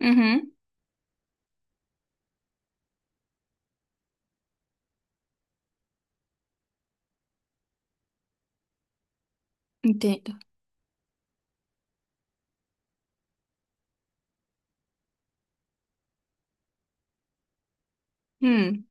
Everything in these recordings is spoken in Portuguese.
Uhum, entendo. Hum,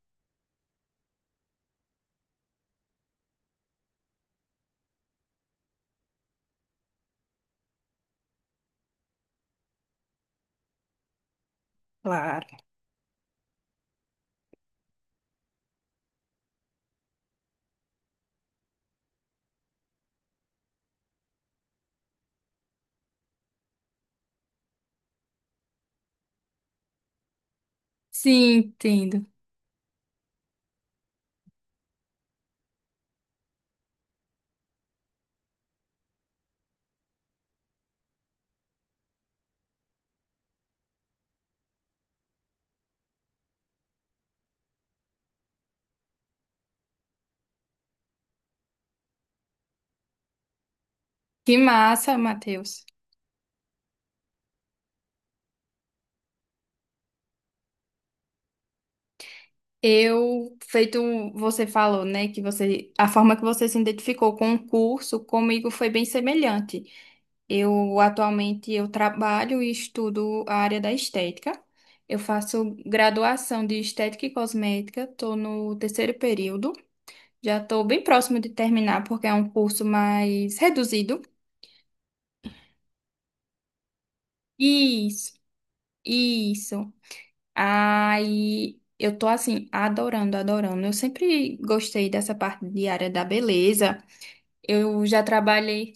sim, entendo. Que massa, Matheus. Eu, feito você falou, né, que a forma que você se identificou com o curso, comigo foi bem semelhante. Eu atualmente eu trabalho e estudo a área da estética. Eu faço graduação de estética e cosmética, estou no terceiro período. Já estou bem próximo de terminar porque é um curso mais reduzido. Isso, isso. Aí eu tô assim, adorando. Eu sempre gostei dessa parte de área da beleza. Eu já trabalhei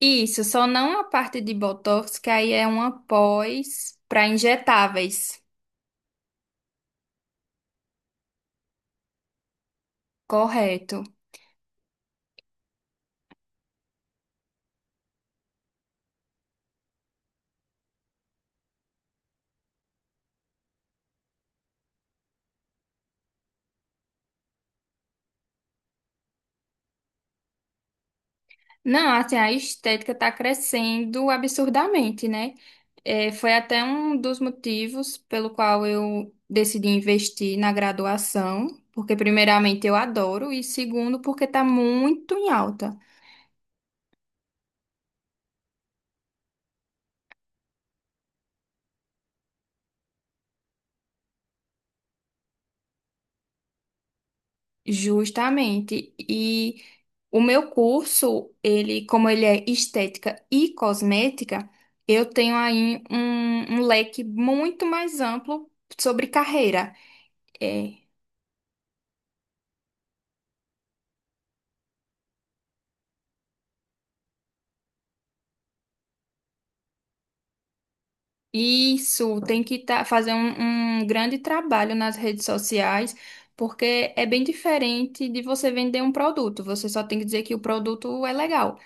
isso, só não a parte de botox, que aí é uma pós para injetáveis. Correto. Não, assim, a estética tá crescendo absurdamente, né? É, foi até um dos motivos pelo qual eu decidi investir na graduação, porque primeiramente eu adoro e segundo porque tá muito em alta. Justamente. E o meu curso, ele, como ele é estética e cosmética, eu tenho aí um leque muito mais amplo sobre carreira. É, isso, tem que tá, fazer um grande trabalho nas redes sociais, porque é bem diferente de você vender um produto. Você só tem que dizer que o produto é legal.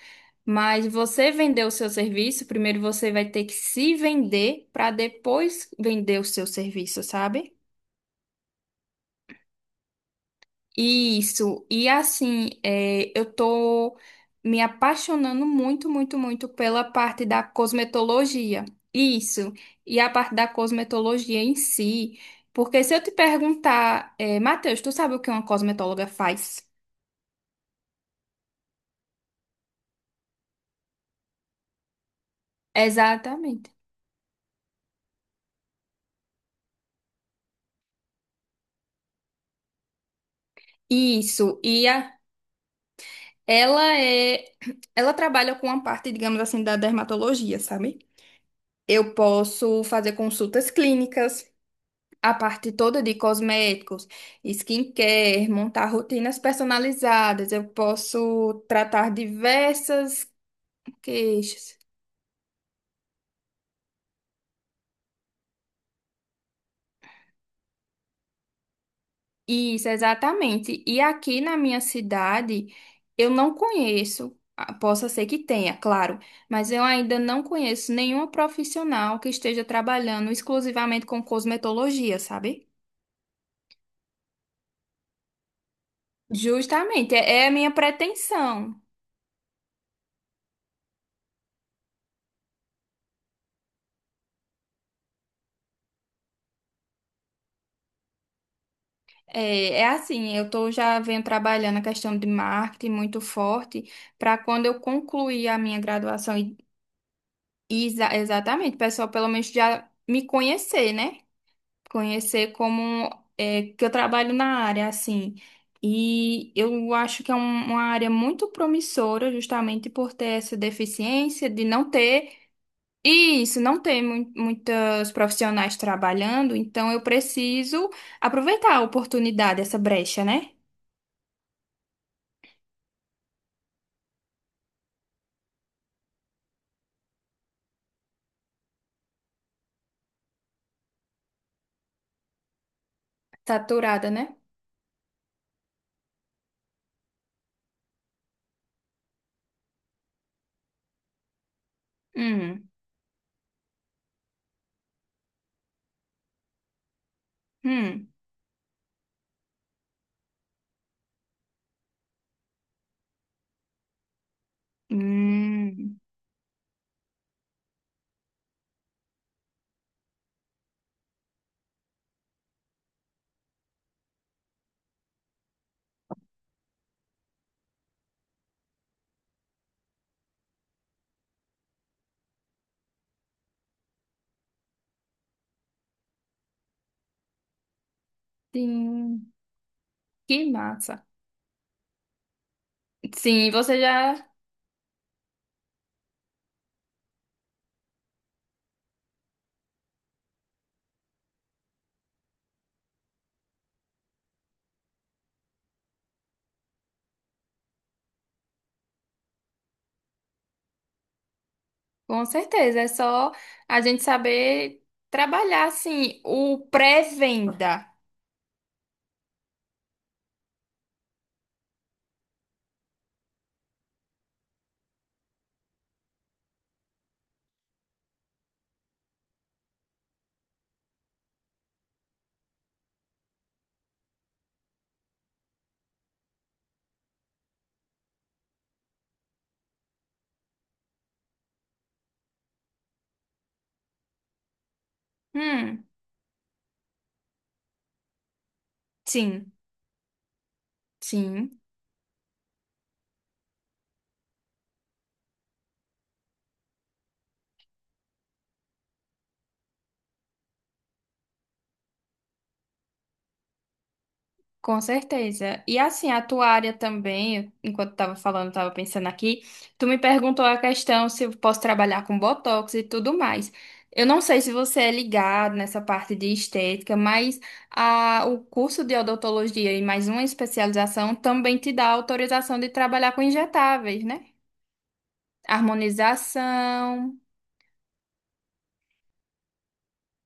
Mas você vender o seu serviço, primeiro você vai ter que se vender para depois vender o seu serviço, sabe? Isso. E assim, é, eu tô me apaixonando muito pela parte da cosmetologia. Isso. E a parte da cosmetologia em si. Porque se eu te perguntar, é, Matheus, tu sabe o que uma cosmetóloga faz? Exatamente. Isso. E a ela é, ela trabalha com a parte, digamos assim, da dermatologia, sabe? Eu posso fazer consultas clínicas, a parte toda de cosméticos, skincare, montar rotinas personalizadas. Eu posso tratar diversas queixas. Isso, exatamente. E aqui na minha cidade, eu não conheço, ah, possa ser que tenha, claro, mas eu ainda não conheço nenhuma profissional que esteja trabalhando exclusivamente com cosmetologia, sabe? Justamente, é a minha pretensão. É, é assim, eu tô já venho trabalhando a questão de marketing muito forte para quando eu concluir a minha graduação e exatamente, o pessoal pelo menos já me conhecer, né? Conhecer como é, que eu trabalho na área, assim. E eu acho que é um- uma área muito promissora, justamente por ter essa deficiência de não ter, e isso, não ter mui- muitos profissionais trabalhando, então eu preciso aproveitar a oportunidade, essa brecha, né? Saturada, né? Hum, hum, hum, sim, que massa. Sim, você já. Com certeza, é só a gente saber trabalhar assim o pré-venda. Hum, sim, sim, com certeza. E assim, a tua área também, enquanto estava falando, estava pensando aqui, tu me perguntou a questão se eu posso trabalhar com botox e tudo mais. Eu não sei se você é ligado nessa parte de estética, mas a, o curso de odontologia e mais uma especialização também te dá autorização de trabalhar com injetáveis, né? Harmonização.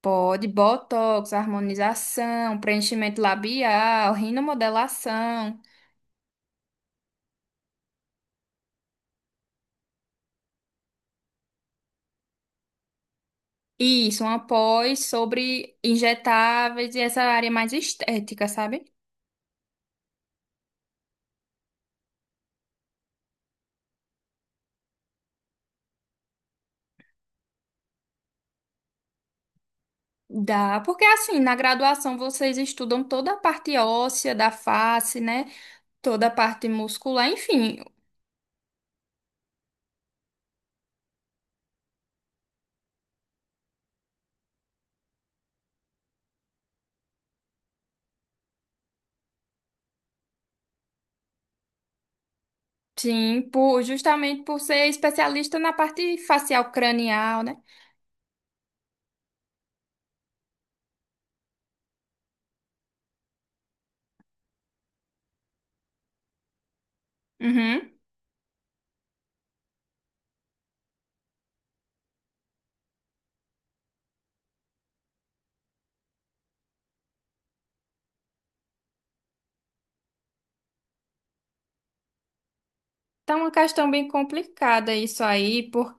Pode botox, harmonização, preenchimento labial, rinomodelação. Isso, uma pós sobre injetáveis e essa área mais estética, sabe? Dá, porque assim, na graduação vocês estudam toda a parte óssea da face, né? Toda a parte muscular, enfim. Sim, por, justamente por ser especialista na parte facial cranial, né? Uhum. Tá uma questão bem complicada isso aí, por,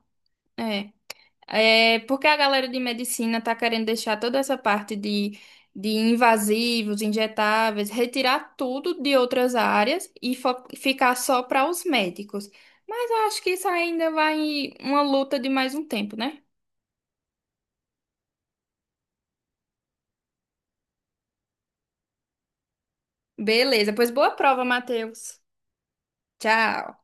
é. É porque a galera de medicina está querendo deixar toda essa parte de invasivos, injetáveis, retirar tudo de outras áreas e fo- ficar só para os médicos. Mas eu acho que isso ainda vai uma luta de mais um tempo, né? Beleza, pois boa prova, Matheus. Tchau.